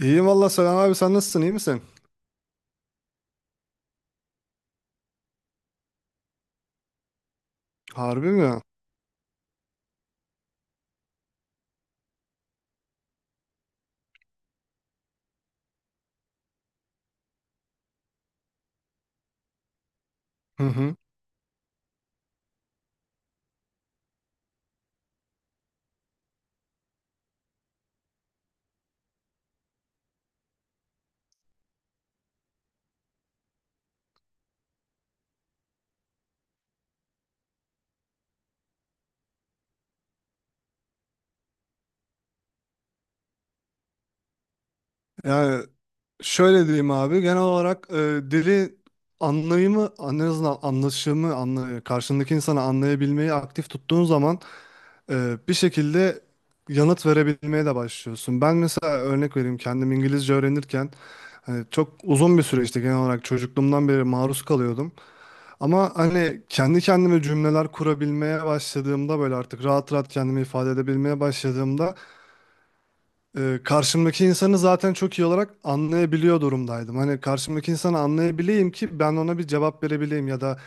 İyiyim valla, selam abi, sen nasılsın, iyi misin? Harbi mi? Hı hı. Yani şöyle diyeyim abi genel olarak dili anlayımı en azından anlaşımı anla, karşındaki insanı anlayabilmeyi aktif tuttuğun zaman bir şekilde yanıt verebilmeye de başlıyorsun. Ben mesela örnek vereyim kendim İngilizce öğrenirken hani çok uzun bir süreçti, genel olarak çocukluğumdan beri maruz kalıyordum. Ama hani kendi kendime cümleler kurabilmeye başladığımda böyle artık rahat rahat kendimi ifade edebilmeye başladığımda karşımdaki insanı zaten çok iyi olarak anlayabiliyor durumdaydım. Hani karşımdaki insanı anlayabileyim ki ben ona bir cevap verebileyim ya da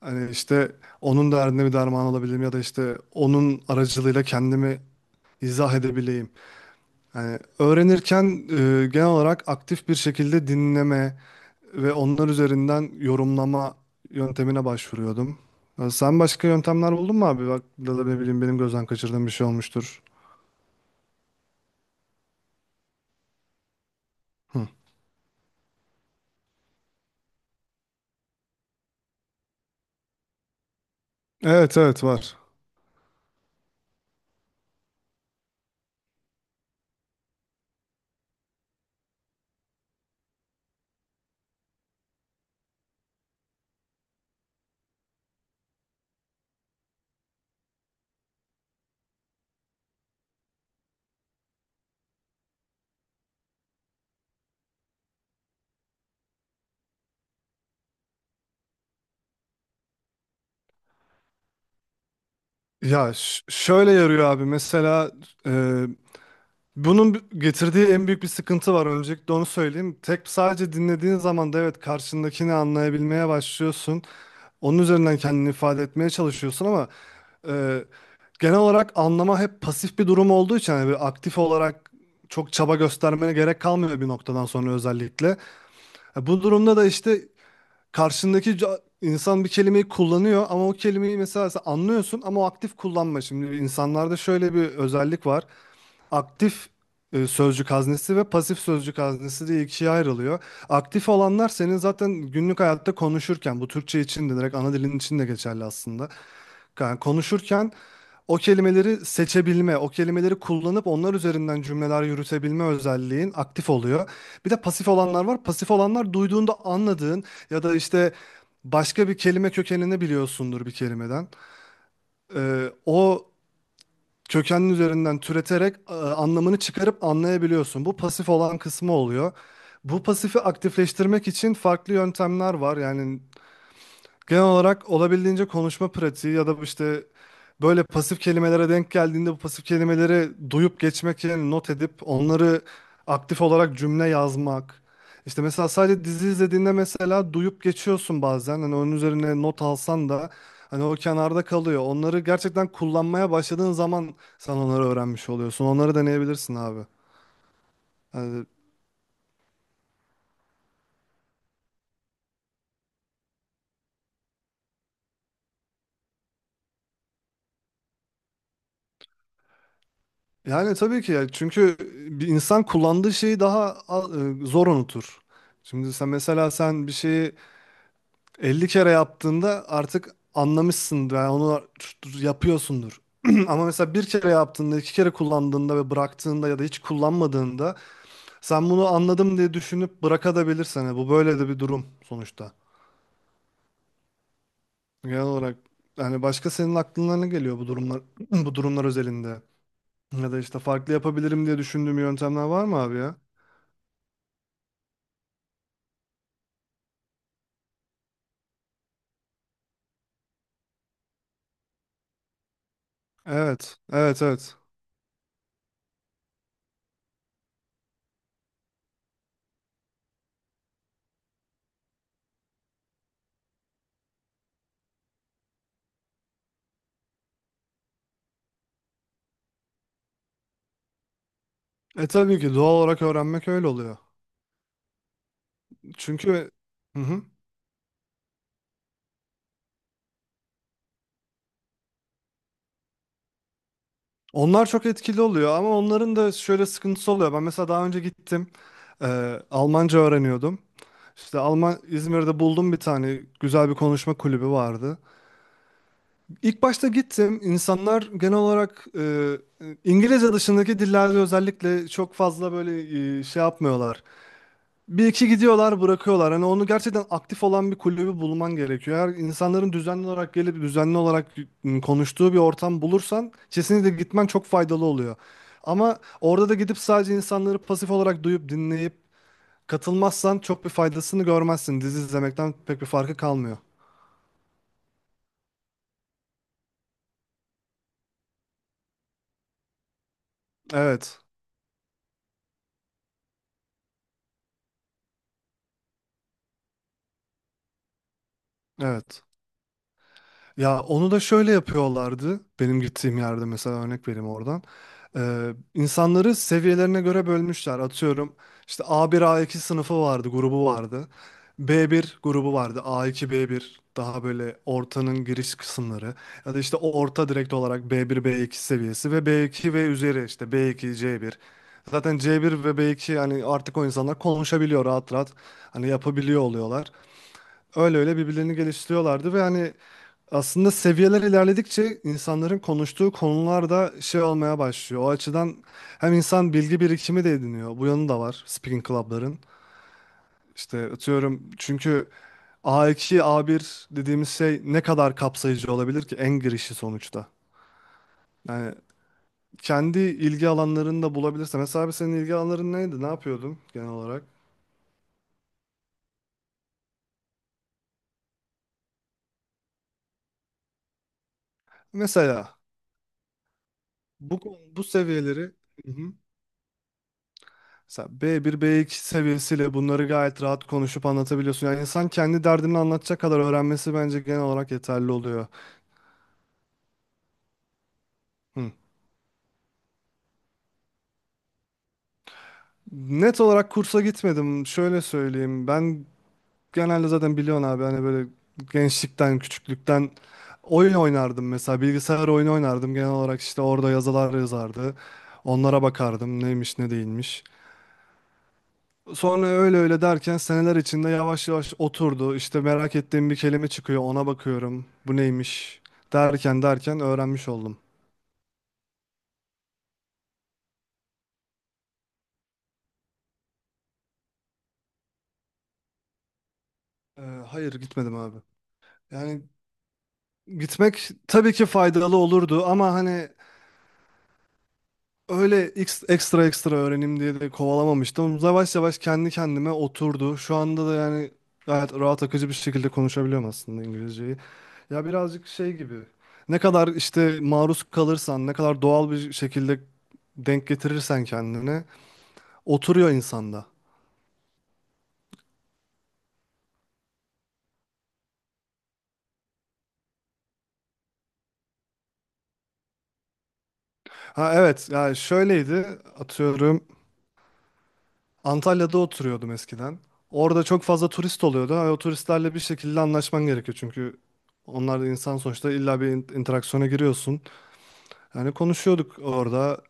hani işte onun derdine bir derman olabileyim ya da işte onun aracılığıyla kendimi izah edebileyim. Hani öğrenirken genel olarak aktif bir şekilde dinleme ve onlar üzerinden yorumlama yöntemine başvuruyordum. Ya sen başka yöntemler buldun mu abi? Bak da ne bileyim benim gözden kaçırdığım bir şey olmuştur. Hı. Evet evet var. Ya şöyle yarıyor abi mesela e, bunun getirdiği en büyük bir sıkıntı var, öncelikle onu söyleyeyim. Tek sadece dinlediğin zaman da evet karşındakini anlayabilmeye başlıyorsun. Onun üzerinden kendini ifade etmeye çalışıyorsun ama e, genel olarak anlama hep pasif bir durum olduğu için hani bir aktif olarak çok çaba göstermene gerek kalmıyor bir noktadan sonra özellikle. Bu durumda da işte karşındaki insan bir kelimeyi kullanıyor ama o kelimeyi mesela sen anlıyorsun ama o aktif kullanma. Şimdi insanlarda şöyle bir özellik var, aktif sözcük haznesi ve pasif sözcük haznesi diye ikiye ayrılıyor. Aktif olanlar senin zaten günlük hayatta konuşurken, bu Türkçe için de direkt ana dilin için de geçerli aslında. Yani konuşurken o kelimeleri seçebilme, o kelimeleri kullanıp onlar üzerinden cümleler yürütebilme özelliğin aktif oluyor. Bir de pasif olanlar var. Pasif olanlar duyduğunda anladığın ya da işte başka bir kelime kökenini biliyorsundur bir kelimeden. O kökenin üzerinden türeterek anlamını çıkarıp anlayabiliyorsun. Bu pasif olan kısmı oluyor. Bu pasifi aktifleştirmek için farklı yöntemler var. Yani genel olarak olabildiğince konuşma pratiği ya da işte böyle pasif kelimelere denk geldiğinde bu pasif kelimeleri duyup geçmek yerine not edip onları aktif olarak cümle yazmak. İşte mesela sadece dizi izlediğinde mesela duyup geçiyorsun bazen. Hani onun üzerine not alsan da hani o kenarda kalıyor. Onları gerçekten kullanmaya başladığın zaman sen onları öğrenmiş oluyorsun. Onları deneyebilirsin abi. Hani. Yani tabii ki ya. Çünkü bir insan kullandığı şeyi daha zor unutur. Şimdi sen mesela sen bir şeyi 50 kere yaptığında artık anlamışsındır. Yani onu yapıyorsundur. Ama mesela bir kere yaptığında, iki kere kullandığında ve bıraktığında ya da hiç kullanmadığında sen bunu anladım diye düşünüp bırakabilirsin. Yani bu böyle de bir durum sonuçta. Genel olarak yani başka senin aklına ne geliyor bu durumlar bu durumlar özelinde? Ya da işte farklı yapabilirim diye düşündüğüm yöntemler var mı abi ya? Evet, evet, evet. E tabii ki doğal olarak öğrenmek öyle oluyor. Çünkü hı hı. Onlar çok etkili oluyor ama onların da şöyle sıkıntısı oluyor. Ben mesela daha önce gittim, e, Almanca öğreniyordum. İşte Alman İzmir'de buldum bir tane, güzel bir konuşma kulübü vardı. İlk başta gittim. İnsanlar genel olarak İngilizce dışındaki dillerde özellikle çok fazla böyle şey yapmıyorlar. Bir iki gidiyorlar bırakıyorlar. Hani onu gerçekten aktif olan bir kulübü bulman gerekiyor. Eğer insanların düzenli olarak gelip düzenli olarak konuştuğu bir ortam bulursan kesinlikle gitmen çok faydalı oluyor. Ama orada da gidip sadece insanları pasif olarak duyup dinleyip katılmazsan çok bir faydasını görmezsin. Dizi izlemekten pek bir farkı kalmıyor. Evet. Evet. Ya onu da şöyle yapıyorlardı. Benim gittiğim yerde mesela örnek vereyim oradan. İnsanları seviyelerine göre bölmüşler. Atıyorum işte A1 A2 sınıfı vardı, grubu vardı. B1 grubu vardı. A2 B1 daha böyle ortanın giriş kısımları. Ya da işte o orta, direkt olarak B1 B2 seviyesi ve B2 ve üzeri işte B2 C1. Zaten C1 ve B2 hani artık o insanlar konuşabiliyor rahat rahat. Hani yapabiliyor oluyorlar. Öyle öyle birbirlerini geliştiriyorlardı ve hani aslında seviyeler ilerledikçe insanların konuştuğu konular da şey olmaya başlıyor. O açıdan hem insan bilgi birikimi de ediniyor. Bu yanı da var speaking club'ların. İşte atıyorum çünkü A2, A1 dediğimiz şey ne kadar kapsayıcı olabilir ki, en girişi sonuçta. Yani kendi ilgi alanlarını da bulabilirse. Mesela abi senin ilgi alanların neydi? Ne yapıyordun genel olarak? Mesela bu bu seviyeleri. Hı hı. Mesela B1, B2 seviyesiyle bunları gayet rahat konuşup anlatabiliyorsun. Yani insan kendi derdini anlatacak kadar öğrenmesi bence genel olarak yeterli oluyor. Hı. Net olarak kursa gitmedim. Şöyle söyleyeyim. Ben genelde zaten biliyorsun abi hani böyle gençlikten, küçüklükten oyun oynardım mesela. Bilgisayar oyunu oynardım. Genel olarak işte orada yazılar yazardı. Onlara bakardım, neymiş ne değilmiş. Sonra öyle öyle derken seneler içinde yavaş yavaş oturdu. İşte merak ettiğim bir kelime çıkıyor, ona bakıyorum. Bu neymiş? Derken derken öğrenmiş oldum. Hayır gitmedim abi. Yani gitmek tabii ki faydalı olurdu ama hani öyle ekstra ekstra öğrenim diye de kovalamamıştım. Yavaş yavaş kendi kendime oturdu. Şu anda da yani gayet rahat akıcı bir şekilde konuşabiliyorum aslında İngilizceyi. Ya birazcık şey gibi. Ne kadar işte maruz kalırsan, ne kadar doğal bir şekilde denk getirirsen kendine oturuyor insanda. Ha evet, yani şöyleydi atıyorum. Antalya'da oturuyordum eskiden. Orada çok fazla turist oluyordu. Ha, o turistlerle bir şekilde anlaşman gerekiyor. Çünkü onlar da insan sonuçta, illa bir interaksiyona giriyorsun. Yani konuşuyorduk orada.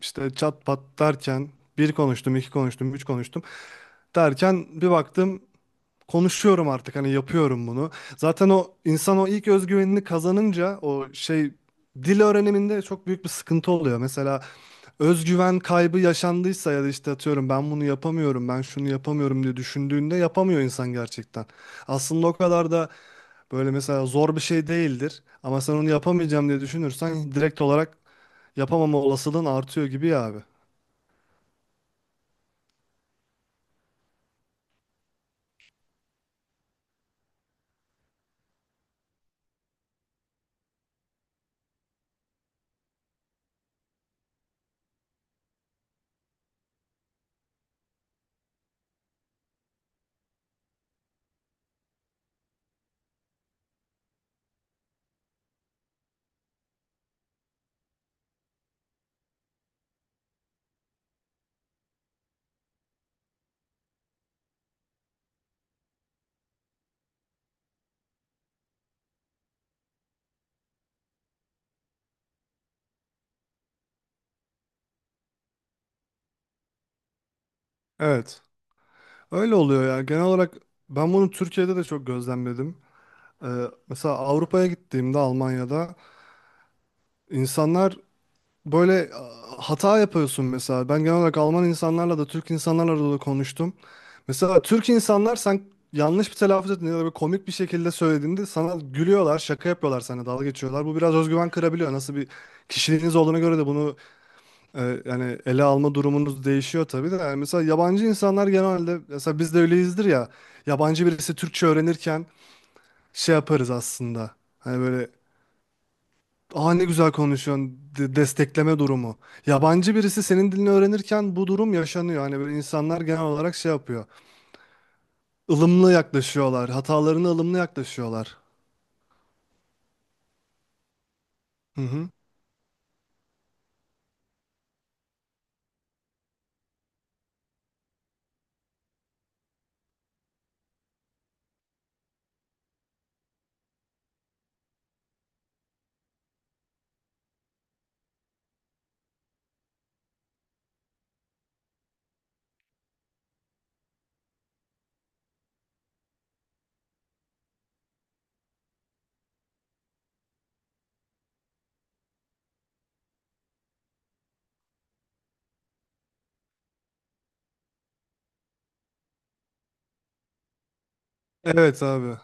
İşte çat pat derken bir konuştum, iki konuştum, üç konuştum. Derken bir baktım konuşuyorum artık, hani yapıyorum bunu. Zaten o insan o ilk özgüvenini kazanınca o şey, dil öğreniminde çok büyük bir sıkıntı oluyor. Mesela özgüven kaybı yaşandıysa ya da işte atıyorum ben bunu yapamıyorum, ben şunu yapamıyorum diye düşündüğünde yapamıyor insan gerçekten. Aslında o kadar da böyle mesela zor bir şey değildir ama sen onu yapamayacağım diye düşünürsen direkt olarak yapamama olasılığın artıyor gibi ya abi. Evet. Öyle oluyor ya. Genel olarak ben bunu Türkiye'de de çok gözlemledim. Ee, Mesela Avrupa'ya gittiğimde Almanya'da insanlar böyle hata yapıyorsun mesela. Ben genel olarak Alman insanlarla da Türk insanlarla da konuştum. Mesela Türk insanlar sen yanlış bir telaffuz ettiğinde ya da böyle komik bir şekilde söylediğinde sana gülüyorlar, şaka yapıyorlar sana, dalga geçiyorlar. Bu biraz özgüven kırabiliyor. Nasıl bir kişiliğiniz olduğuna göre de bunu yani ele alma durumunuz değişiyor tabii de. Yani mesela yabancı insanlar genelde, mesela biz de öyleyizdir ya. Yabancı birisi Türkçe öğrenirken şey yaparız aslında. Hani böyle, aa ne güzel konuşuyorsun. Destekleme durumu. Yabancı birisi senin dilini öğrenirken bu durum yaşanıyor. Hani böyle insanlar genel olarak şey yapıyor. Ilımlı yaklaşıyorlar. Hatalarına ılımlı yaklaşıyorlar. Hı hı. Evet abi.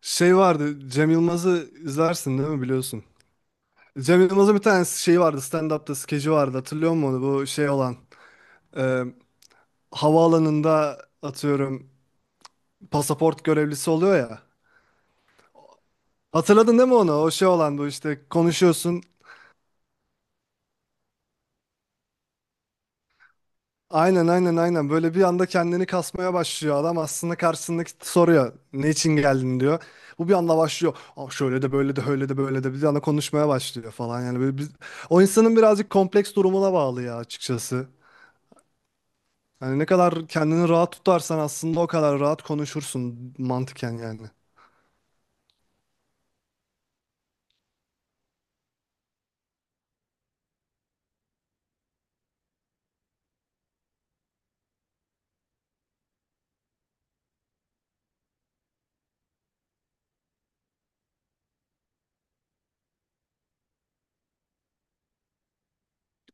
Şey vardı, Cem Yılmaz'ı izlersin değil mi, biliyorsun. Cem Yılmaz'ın bir tane şeyi vardı. Stand-up'ta skeci vardı. Hatırlıyor musun onu? Bu şey olan, e, havaalanında atıyorum pasaport görevlisi oluyor ya. Hatırladın değil mi onu? O şey olan bu işte, konuşuyorsun. Aynen aynen aynen, böyle bir anda kendini kasmaya başlıyor adam. Aslında karşısındaki soruyor, ne için geldin diyor. Bu bir anda başlıyor, aa şöyle de böyle de öyle de böyle de, bir anda konuşmaya başlıyor falan, yani böyle biz... O insanın birazcık kompleks durumuna bağlı ya açıkçası. Hani ne kadar kendini rahat tutarsan aslında o kadar rahat konuşursun mantıken yani.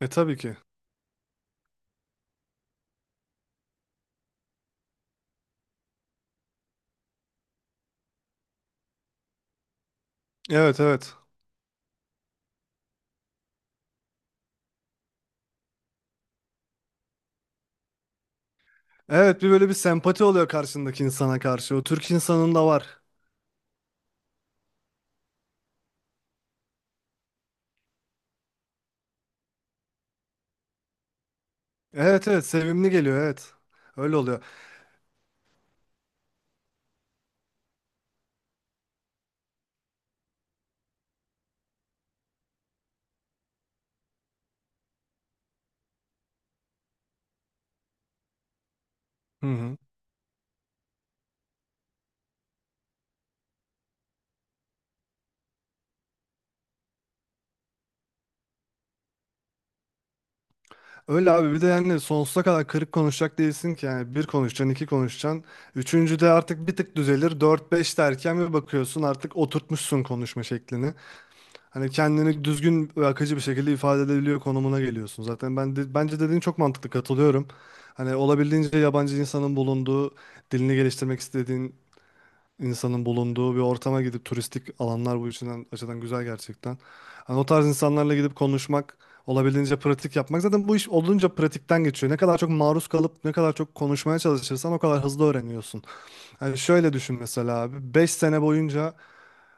E tabii ki. Evet evet. Evet, bir böyle bir sempati oluyor karşındaki insana karşı. O Türk insanında var. Evet evet, sevimli geliyor, evet. Öyle oluyor. Hı hı. Öyle abi, bir de yani sonsuza kadar kırık konuşacak değilsin ki, yani bir konuşacaksın, iki konuşacaksın. Üçüncüde artık bir tık düzelir. Dört beş derken bir bakıyorsun artık oturtmuşsun konuşma şeklini. Hani kendini düzgün ve akıcı bir şekilde ifade edebiliyor konumuna geliyorsun. Zaten ben de, bence dediğin çok mantıklı, katılıyorum. Hani olabildiğince yabancı insanın bulunduğu, dilini geliştirmek istediğin insanın bulunduğu bir ortama gidip, turistik alanlar bu için açıdan güzel gerçekten. Hani o tarz insanlarla gidip konuşmak, olabildiğince pratik yapmak. Zaten bu iş olunca pratikten geçiyor. Ne kadar çok maruz kalıp ne kadar çok konuşmaya çalışırsan o kadar hızlı öğreniyorsun. Yani şöyle düşün mesela abi, 5 sene boyunca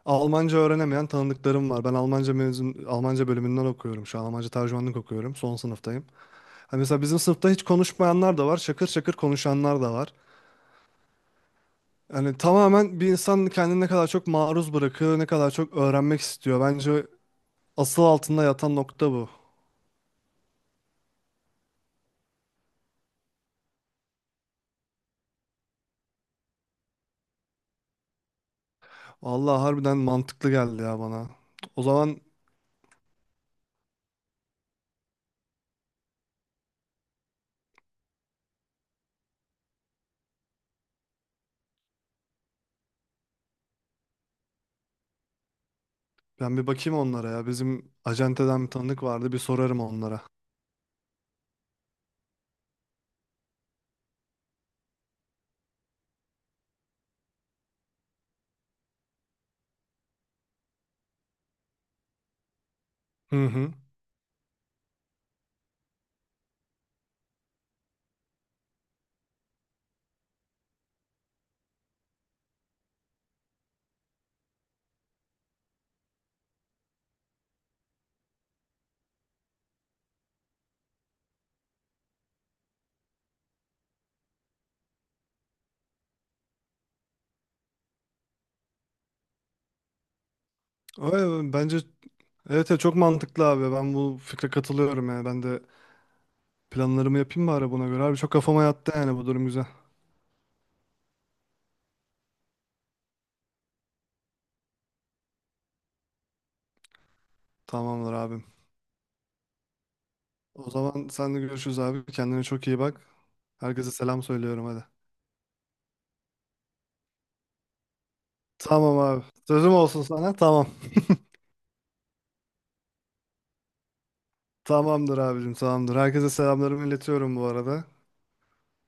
Almanca öğrenemeyen tanıdıklarım var. Ben Almanca mezun, Almanca bölümünden okuyorum şu an. Almanca tercümanlık okuyorum. Son sınıftayım. Hani mesela bizim sınıfta hiç konuşmayanlar da var. Şakır şakır konuşanlar da var. Yani tamamen bir insan kendini ne kadar çok maruz bırakıyor, ne kadar çok öğrenmek istiyor. Bence asıl altında yatan nokta bu. Allah harbiden mantıklı geldi ya bana. O zaman ben bir bakayım onlara ya. Bizim acenteden bir tanıdık vardı, bir sorarım onlara. Hı hı. Öyle, bence evet evet, çok mantıklı abi. Ben bu fikre katılıyorum yani. Ben de planlarımı yapayım bari buna göre abi. Çok kafama yattı yani, bu durum güzel. Tamamdır abim. O zaman sen de görüşürüz abi. Kendine çok iyi bak. Herkese selam söylüyorum hadi. Tamam abi. Sözüm olsun sana. Tamam. Tamamdır abicim, tamamdır. Herkese selamlarımı iletiyorum bu arada.